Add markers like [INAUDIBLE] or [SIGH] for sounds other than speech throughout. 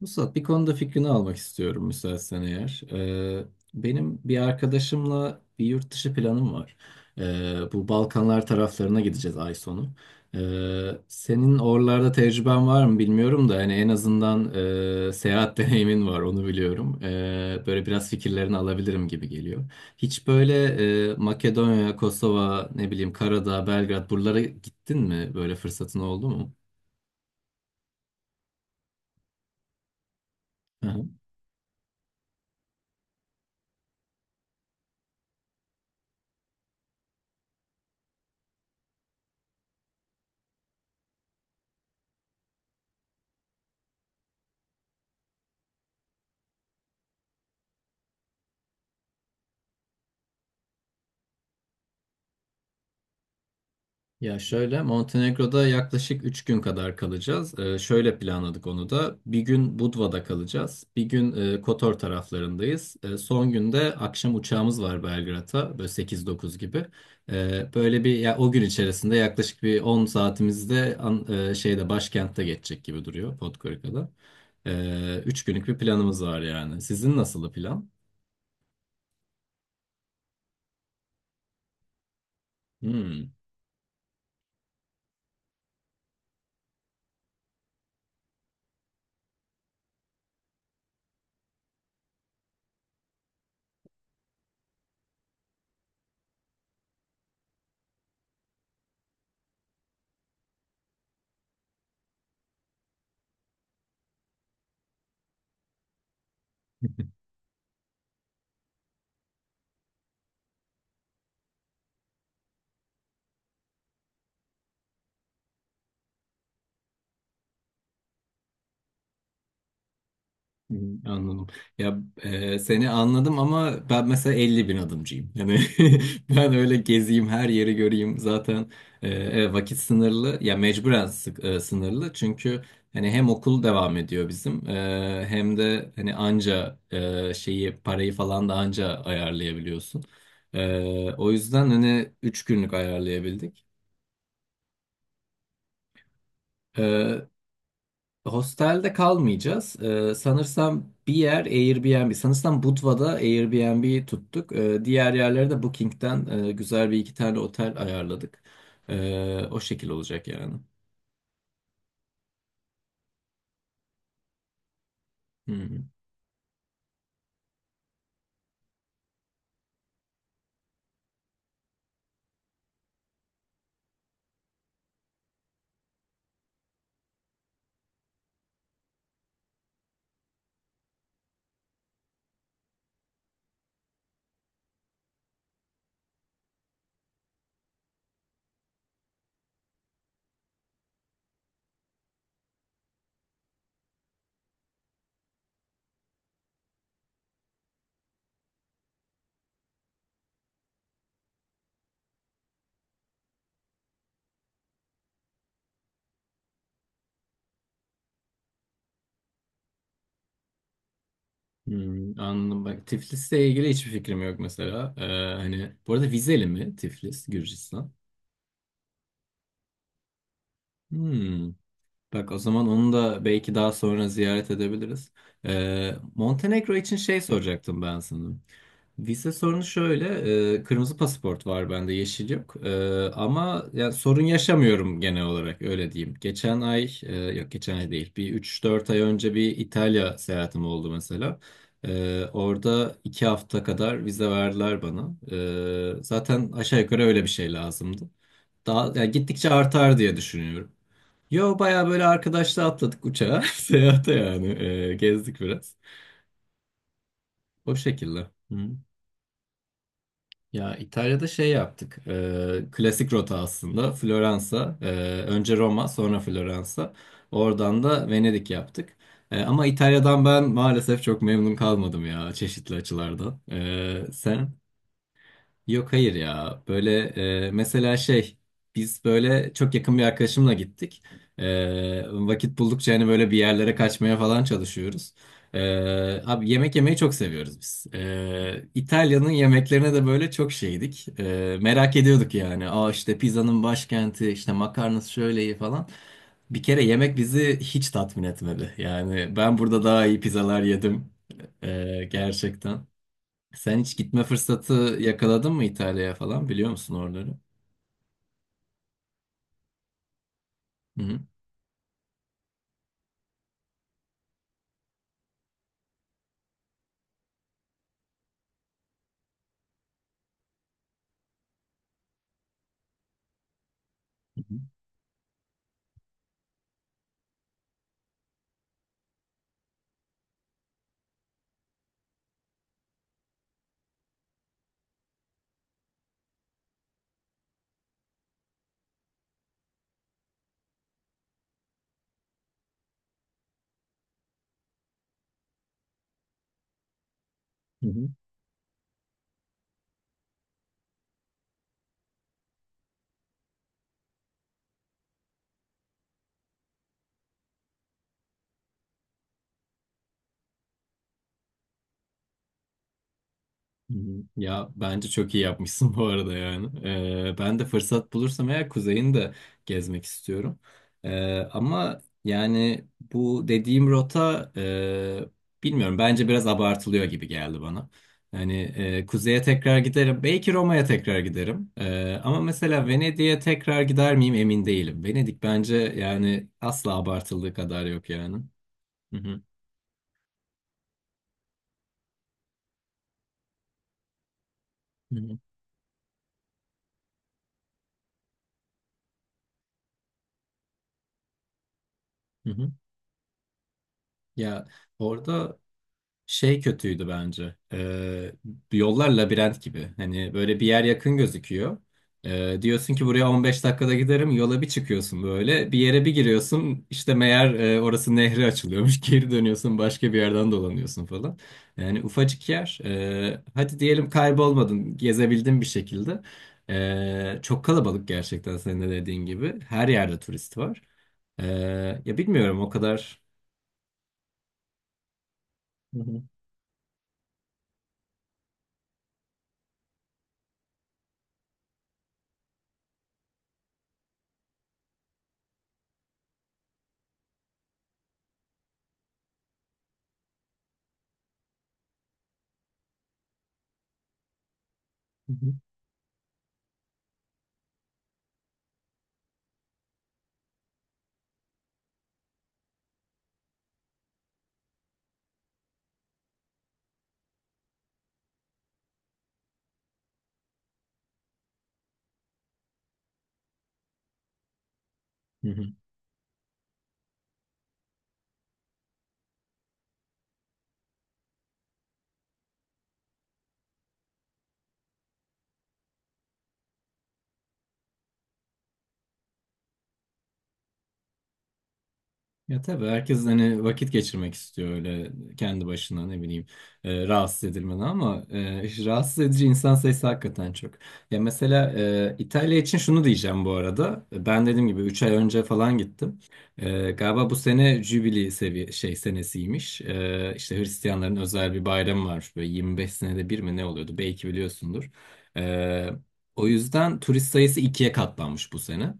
Mustafa bir konuda fikrini almak istiyorum müsaitsen eğer. Benim bir arkadaşımla bir yurt dışı planım var. Bu Balkanlar taraflarına gideceğiz ay sonu. Senin oralarda tecrüben var mı bilmiyorum da hani en azından seyahat [LAUGHS] deneyimin var onu biliyorum. Böyle biraz fikirlerini alabilirim gibi geliyor. Hiç böyle Makedonya, Kosova, ne bileyim Karadağ, Belgrad buralara gittin mi? Böyle fırsatın oldu mu? Ya şöyle Montenegro'da yaklaşık 3 gün kadar kalacağız. Şöyle planladık onu da. Bir gün Budva'da kalacağız. Bir gün Kotor taraflarındayız. Son günde akşam uçağımız var Belgrad'a. Böyle 8-9 gibi. Böyle bir ya, o gün içerisinde yaklaşık bir 10 saatimizde şeyde başkentte geçecek gibi duruyor Podgorica'da. 3 günlük bir planımız var yani. Sizin nasıl plan? Hmm. [LAUGHS] Hı, anladım. Ya seni anladım ama ben mesela 50 bin adımcıyım. Yani [LAUGHS] ben öyle gezeyim her yeri göreyim zaten evet, vakit sınırlı ya mecburen sınırlı çünkü hani hem okul devam ediyor bizim hem de hani anca şeyi parayı falan da anca ayarlayabiliyorsun. O yüzden hani 3 günlük ayarlayabildik. Hostelde kalmayacağız. Sanırsam bir yer Airbnb. Sanırsam Budva'da Airbnb tuttuk. Diğer yerlere de Booking'den güzel bir iki tane otel ayarladık. O şekil olacak yani. Hmm, hmm, anladım. Bak Tiflis'le ilgili hiçbir fikrim yok mesela. Hani bu arada vizeli mi Tiflis, Gürcistan? Hmm. Bak o zaman onu da belki daha sonra ziyaret edebiliriz. Montenegro için şey soracaktım ben sana. Vize sorunu şöyle, kırmızı pasaport var bende, yeşil yok. Ama yani sorun yaşamıyorum genel olarak öyle diyeyim. Geçen ay, yok geçen ay değil, bir 3-4 ay önce bir İtalya seyahatim oldu mesela. Orada 2 hafta kadar vize verdiler bana. Zaten aşağı yukarı öyle bir şey lazımdı. Daha yani gittikçe artar diye düşünüyorum. Yo baya böyle arkadaşla atladık uçağa. [LAUGHS] Seyahate yani. Gezdik biraz. O şekilde. Hı. Ya İtalya'da şey yaptık. Klasik rota aslında. Floransa. Önce Roma sonra Floransa. Oradan da Venedik yaptık. Ama İtalya'dan ben maalesef çok memnun kalmadım ya çeşitli açılardan. Sen? Yok hayır ya. Böyle mesela şey biz böyle çok yakın bir arkadaşımla gittik. Vakit buldukça hani böyle bir yerlere kaçmaya falan çalışıyoruz. E, Abi yemek yemeyi çok seviyoruz biz. İtalya'nın yemeklerine de böyle çok şeydik. Merak ediyorduk yani. Aa işte pizzanın başkenti, işte makarnası şöyle iyi falan. Bir kere yemek bizi hiç tatmin etmedi. Yani ben burada daha iyi pizzalar yedim. Gerçekten. Sen hiç gitme fırsatı yakaladın mı İtalya'ya falan biliyor musun oraları? Hı hı. Hı hı. Hı hı. Hı hı. Ya bence çok iyi yapmışsın [LAUGHS] bu arada yani. Ben de fırsat bulursam eğer kuzeyini de gezmek istiyorum. Ama yani bu dediğim rota bilmiyorum bence biraz abartılıyor gibi geldi bana. Hani kuzeye tekrar giderim. Belki Roma'ya tekrar giderim. Ama mesela Venedik'e tekrar gider miyim emin değilim. Venedik bence yani asla abartıldığı kadar yok yani. Hı hı. Hı hı. Hı hı. Ya orada şey kötüydü bence. Yollar labirent gibi. Hani böyle bir yer yakın gözüküyor. Diyorsun ki buraya 15 dakikada giderim. Yola bir çıkıyorsun böyle. Bir yere bir giriyorsun. İşte meğer orası nehri açılıyormuş. [LAUGHS] Geri dönüyorsun başka bir yerden dolanıyorsun falan. Yani ufacık yer. Hadi diyelim kaybolmadın. Gezebildin bir şekilde. Çok kalabalık gerçekten senin de dediğin gibi. Her yerde turist var. Ee, Ya bilmiyorum o kadar. Hı hı. Hı hı. Ya tabii herkes hani vakit geçirmek istiyor öyle kendi başına ne bileyim rahatsız edilmeden ama [LAUGHS] işte rahatsız edici insan sayısı hakikaten çok. Ya mesela İtalya için şunu diyeceğim bu arada. Ben dediğim gibi 3 ay önce falan gittim. Galiba bu sene Jübili seviye şey senesiymiş. İşte Hristiyanların özel bir bayramı var böyle 25 senede bir mi ne oluyordu belki biliyorsundur. E, O yüzden turist sayısı 2'ye katlanmış bu sene.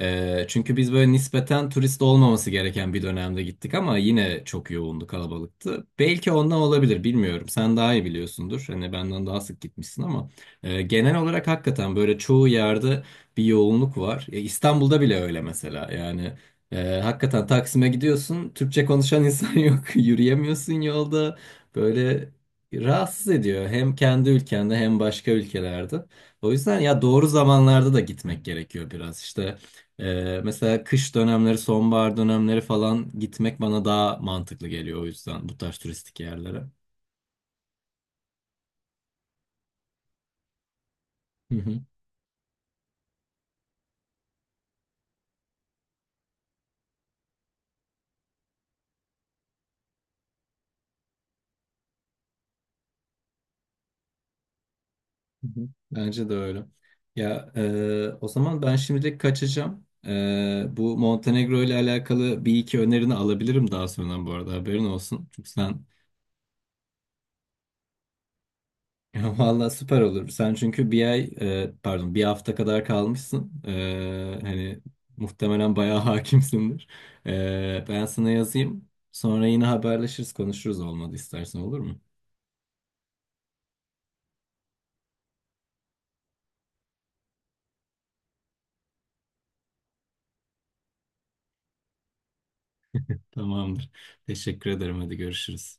Çünkü biz böyle nispeten turist olmaması gereken bir dönemde gittik ama yine çok yoğundu, kalabalıktı. Belki ondan olabilir, bilmiyorum. Sen daha iyi biliyorsundur. Hani benden daha sık gitmişsin ama genel olarak hakikaten böyle çoğu yerde bir yoğunluk var. İstanbul'da bile öyle mesela. Yani hakikaten Taksim'e gidiyorsun, Türkçe konuşan insan [LAUGHS] yok, yürüyemiyorsun yolda. Böyle rahatsız ediyor hem kendi ülkende hem başka ülkelerde. O yüzden ya doğru zamanlarda da gitmek gerekiyor biraz işte. Mesela kış dönemleri, sonbahar dönemleri falan gitmek bana daha mantıklı geliyor o yüzden bu tarz turistik yerlere. Hı hı, hı hı. Bence de öyle. Ya o zaman ben şimdilik kaçacağım. Bu Montenegro ile alakalı bir iki önerini alabilirim daha sonra bu arada haberin olsun. Çünkü sen. [LAUGHS] Valla süper olur. Sen çünkü bir ay pardon bir hafta kadar kalmışsın. Hani muhtemelen bayağı [LAUGHS] hakimsindir. Ben sana yazayım. Sonra yine haberleşiriz konuşuruz olmadı istersen olur mu? Tamamdır. Teşekkür ederim. Hadi görüşürüz.